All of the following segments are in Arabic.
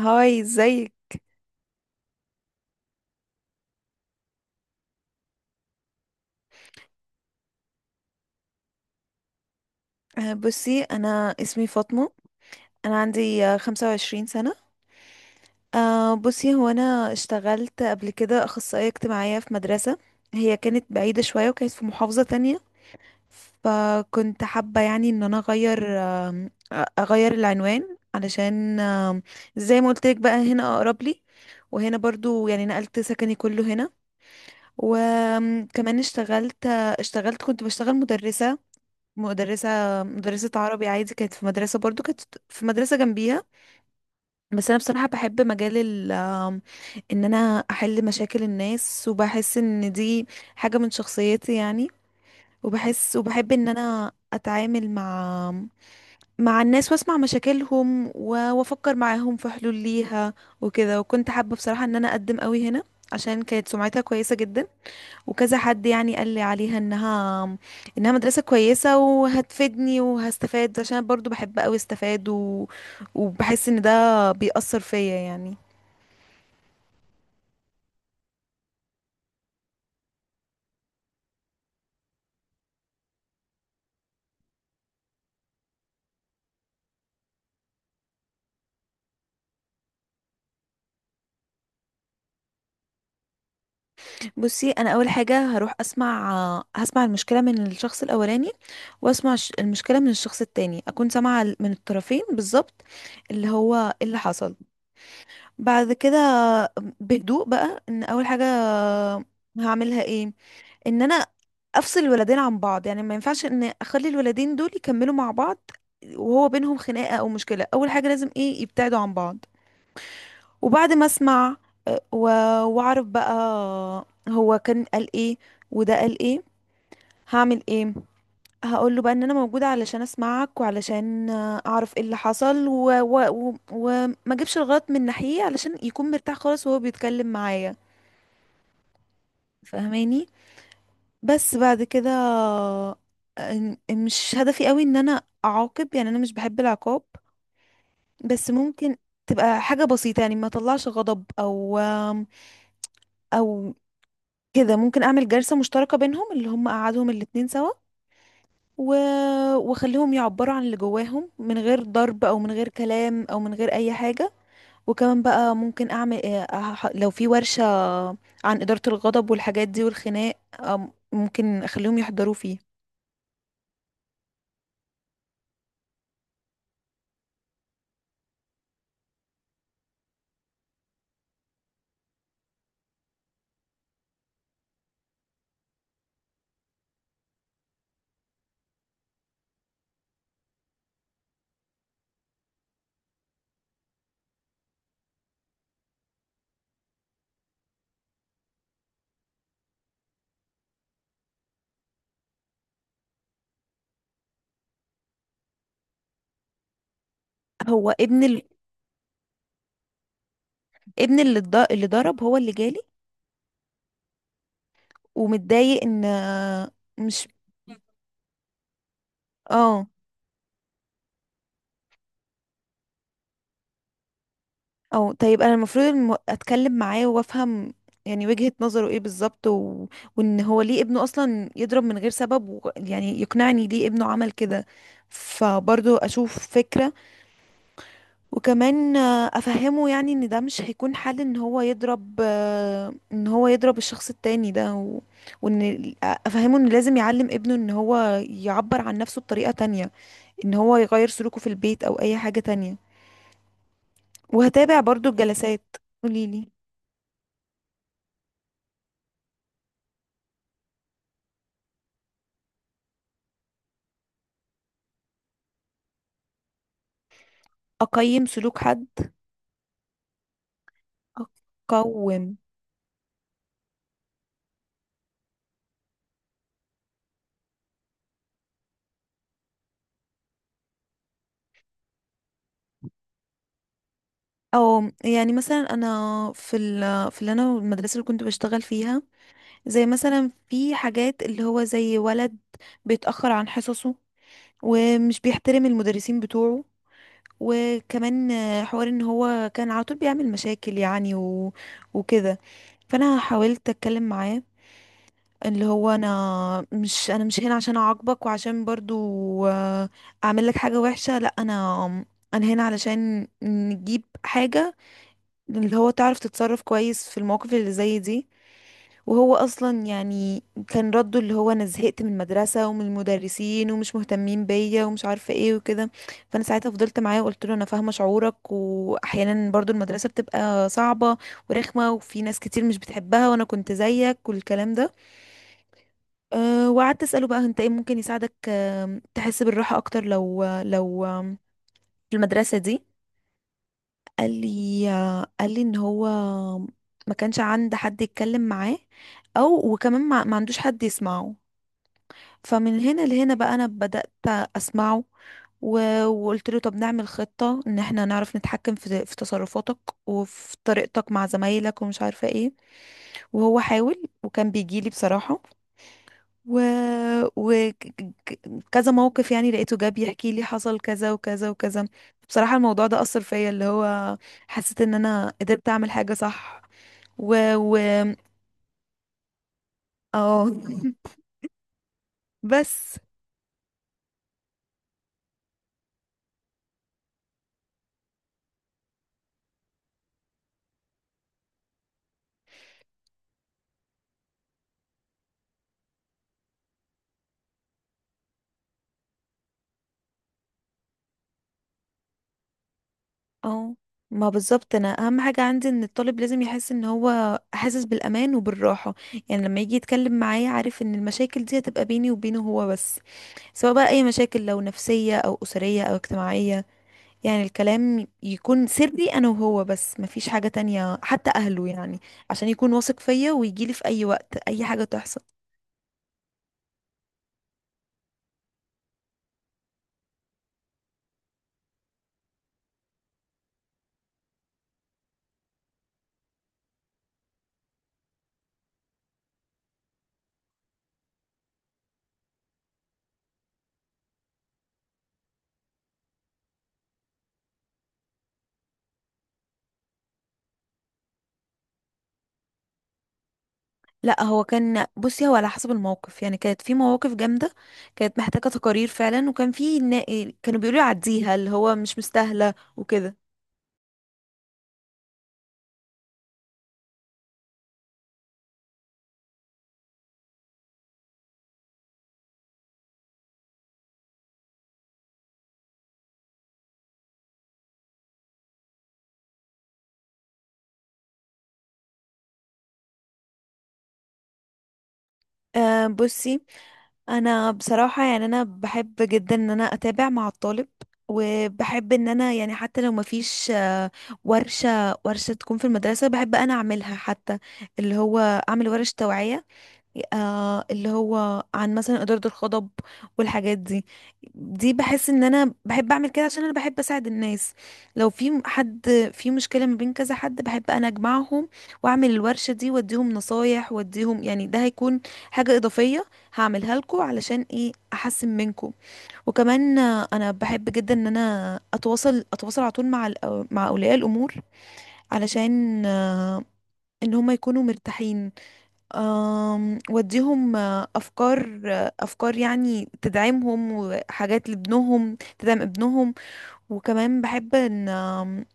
هاي، ازيك؟ بصي، انا اسمي فاطمة. انا عندي 25 سنة. بصي، هو انا اشتغلت قبل كده اخصائية اجتماعية في مدرسة، هي كانت بعيدة شوية وكانت في محافظة تانية. فكنت حابة يعني ان انا اغير، اغير العنوان علشان زي ما قلت لك، بقى هنا اقرب لي. وهنا برضو يعني نقلت سكني كله هنا، وكمان اشتغلت. كنت بشتغل مدرسة، مدرسة مدرسة عربي عادي، كانت في مدرسة برضو، كانت في مدرسة جنبيها. بس انا بصراحة بحب مجال ال آم، ان انا احل مشاكل الناس، وبحس ان دي حاجة من شخصيتي يعني. وبحس وبحب ان انا اتعامل مع الناس، واسمع مشاكلهم، وافكر معاهم في حلول ليها وكده. وكنت حابة بصراحة ان انا اقدم قوي هنا، عشان كانت سمعتها كويسة جدا، وكذا حد يعني قال لي عليها انها مدرسة كويسة وهتفيدني وهستفاد، عشان أنا برضو بحب قوي استفاد وبحس ان ده بيأثر فيا يعني. بصي، انا اول حاجة هروح هسمع المشكلة من الشخص الاولاني، واسمع المشكلة من الشخص التاني، اكون سامعة من الطرفين بالظبط، اللي هو إيه اللي حصل. بعد كده، بهدوء بقى، ان اول حاجة هعملها ايه، ان انا افصل الولدين عن بعض، يعني ما ينفعش ان اخلي الولدين دول يكملوا مع بعض وهو بينهم خناقة او مشكلة. اول حاجة لازم ايه، يبتعدوا عن بعض. وبعد ما اسمع، آه، و- واعرف بقى هو كان قال ايه وده قال ايه، هعمل ايه. هقول له بقى ان انا موجودة علشان اسمعك، وعلشان اعرف ايه اللي حصل، وما اجيبش الغلط من ناحية، علشان يكون مرتاح خالص وهو بيتكلم معايا، فاهماني؟ بس بعد كده، مش هدفي قوي ان انا اعاقب، يعني انا مش بحب العقاب. بس ممكن تبقى حاجة بسيطة، يعني ما اطلعش غضب او كده. ممكن اعمل جلسة مشتركة بينهم، اللي هم قعدهم الاتنين سوا، و... واخليهم يعبروا عن اللي جواهم، من غير ضرب او من غير كلام او من غير اي حاجة. وكمان بقى ممكن اعمل لو في ورشة عن إدارة الغضب والحاجات دي والخناق، ممكن اخليهم يحضروا فيه. هو ابن، اللي اللي ضرب هو اللي جالي، ومتضايق ان، مش، اه. او طيب، انا المفروض اتكلم معاه وافهم يعني وجهة نظره ايه بالظبط وان هو ليه ابنه اصلا يضرب من غير سبب يعني يقنعني ليه ابنه عمل كده، فبرضه اشوف فكرة. وكمان افهمه يعني ان ده مش هيكون حل ان هو يضرب، الشخص التاني ده وان افهمه ان لازم يعلم ابنه ان هو يعبر عن نفسه بطريقة تانية، ان هو يغير سلوكه في البيت او اي حاجة تانية. وهتابع برضو الجلسات. قوليلي. اقيم سلوك حد؟ اقوم. او يعني مثلا انا في ال في اللي انا المدرسه اللي كنت بشتغل فيها، زي مثلا في حاجات اللي هو زي ولد بيتاخر عن حصصه ومش بيحترم المدرسين بتوعه. وكمان حوار ان هو كان على طول بيعمل مشاكل يعني وكده. فانا حاولت اتكلم معاه، اللي هو، انا مش هنا عشان اعاقبك، وعشان برضو آه، اعمل لك حاجة وحشة. لا، انا هنا علشان نجيب حاجة، اللي هو تعرف تتصرف كويس في المواقف اللي زي دي. وهو اصلا يعني كان رده اللي هو، انا زهقت من المدرسة ومن المدرسين، ومش مهتمين بيا ومش عارفة ايه وكده. فانا ساعتها فضلت معاه وقلت له، انا فاهمة شعورك، واحيانا برضو المدرسة بتبقى صعبة ورخمة، وفي ناس كتير مش بتحبها، وانا كنت زيك والكلام ده. أه، وقعدت أسأله بقى، انت ايه ممكن يساعدك، تحس بالراحة اكتر، لو في المدرسة دي. قال لي ان هو ما كانش عند حد يتكلم معاه، او وكمان ما عندوش حد يسمعه. فمن هنا لهنا بقى، انا بدأت اسمعه، وقلت له، طب نعمل خطة ان احنا نعرف نتحكم في تصرفاتك وفي طريقتك مع زمايلك ومش عارفة ايه. وهو حاول وكان بيجيلي بصراحة، و... وكذا موقف يعني، لقيته جاب يحكي لي حصل كذا وكذا وكذا. بصراحة، الموضوع ده أثر فيا، اللي هو حسيت ان انا قدرت اعمل حاجة صح. و و اه. بس. اه. ما بالظبط، انا اهم حاجة عندي ان الطالب لازم يحس ان هو حاسس بالامان وبالراحة، يعني لما يجي يتكلم معايا، عارف ان المشاكل دي هتبقى بيني وبينه هو بس، سواء بقى اي مشاكل لو نفسية او اسرية او اجتماعية. يعني الكلام يكون سري انا وهو بس، مفيش حاجة تانية حتى اهله يعني، عشان يكون واثق فيا ويجيلي في اي وقت اي حاجة تحصل. لا، هو كان، بصي هو على حسب الموقف يعني، كانت في مواقف جامدة كانت محتاجة تقارير فعلا، وكان في كانوا بيقولوا عديها، اللي هو مش مستاهلة وكده. بصي، انا بصراحة يعني انا بحب جدا ان انا اتابع مع الطالب، وبحب ان انا يعني حتى لو مفيش ورشة تكون في المدرسة، بحب انا اعملها، حتى اللي هو اعمل ورش توعية، اللي هو عن مثلا إدارة الغضب والحاجات دي. دي بحس ان انا بحب اعمل كده، عشان انا بحب اساعد الناس. لو في حد في مشكلة ما بين كذا حد، بحب انا اجمعهم واعمل الورشة دي واديهم نصايح واديهم يعني. ده هيكون حاجة اضافية هعملها لكم، علشان ايه احسن منكم. وكمان انا بحب جدا ان انا اتواصل على طول مع مع اولياء الامور، علشان ان هم يكونوا مرتاحين، وديهم افكار، يعني تدعمهم وحاجات لابنهم تدعم ابنهم. وكمان بحب ان، آم،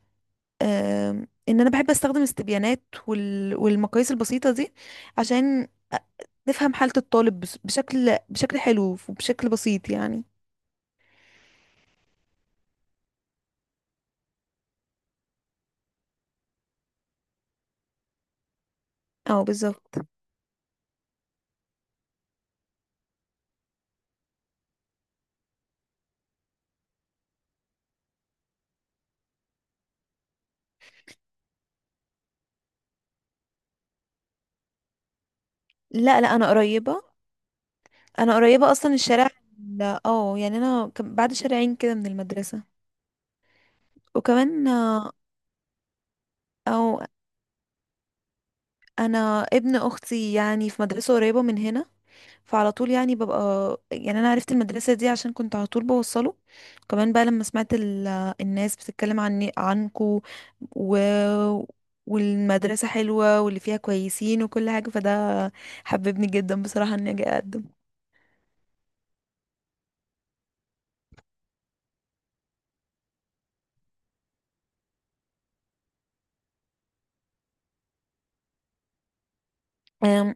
آم، ان انا بحب استخدم استبيانات والمقاييس البسيطة دي، عشان أ- نفهم حالة الطالب بشكل حلو وبشكل بسيط يعني. اه بالظبط. لا، لا، انا قريبة اصلا، الشارع. لا، اه يعني، انا بعد شارعين كده من المدرسة. وكمان آه، او انا ابن اختي يعني في مدرسه قريبه من هنا، فعلى طول يعني ببقى، يعني انا عرفت المدرسه دي عشان كنت على طول بوصله. كمان بقى لما سمعت الناس بتتكلم عن عنكو، و... والمدرسه حلوه واللي فيها كويسين وكل حاجه، فده حببني جدا بصراحه اني اجي اقدم. أم،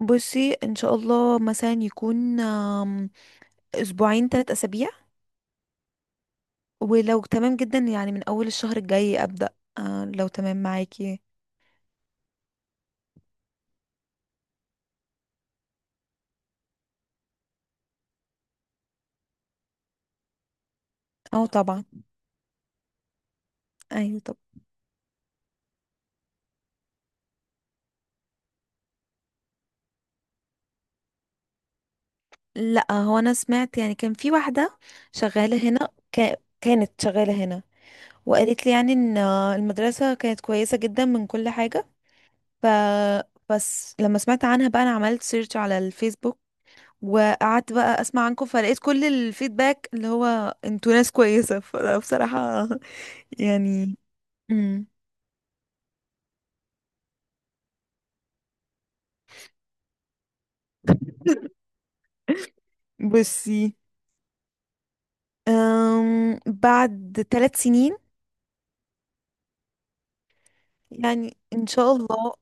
بصي، ان شاء الله مثلا يكون اسبوعين، 3 اسابيع، ولو تمام جدا يعني من اول الشهر الجاي ابدا، لو تمام معاكي. اه طبعا. ايوه. طب. لا، هو انا سمعت يعني كان في واحده شغاله هنا، كانت شغاله هنا، وقالت لي يعني ان المدرسه كانت كويسه جدا من كل حاجه، ف بس لما سمعت عنها بقى، انا عملت سيرش على الفيسبوك، وقعدت بقى اسمع عنكم، فلقيت كل الفيدباك اللي هو انتوا ناس كويسه، فبصراحه. يعني. امم. بصي، بعد 3 سنين، يعني ان شاء الله.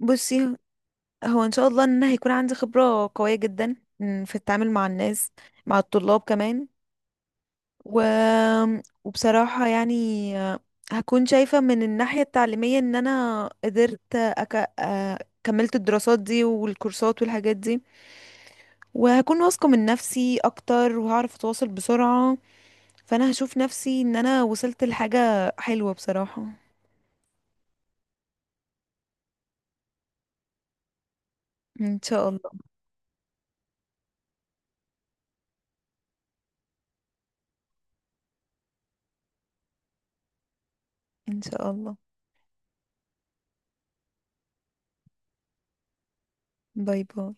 بصي هو ان شاء الله ان أنا هيكون عندي خبرة قوية جدا، في التعامل مع الناس، مع الطلاب كمان، و... وبصراحة يعني، آه، هكون شايفة من الناحية التعليمية ان انا قدرت أك... آه، كملت الدراسات دي والكورسات والحاجات دي، وهكون واثقة من نفسي اكتر، وهعرف اتواصل بسرعة. فانا هشوف نفسي ان انا وصلت لحاجة حلوة بصراحة. ان شاء الله. ان شاء الله. باي، باي.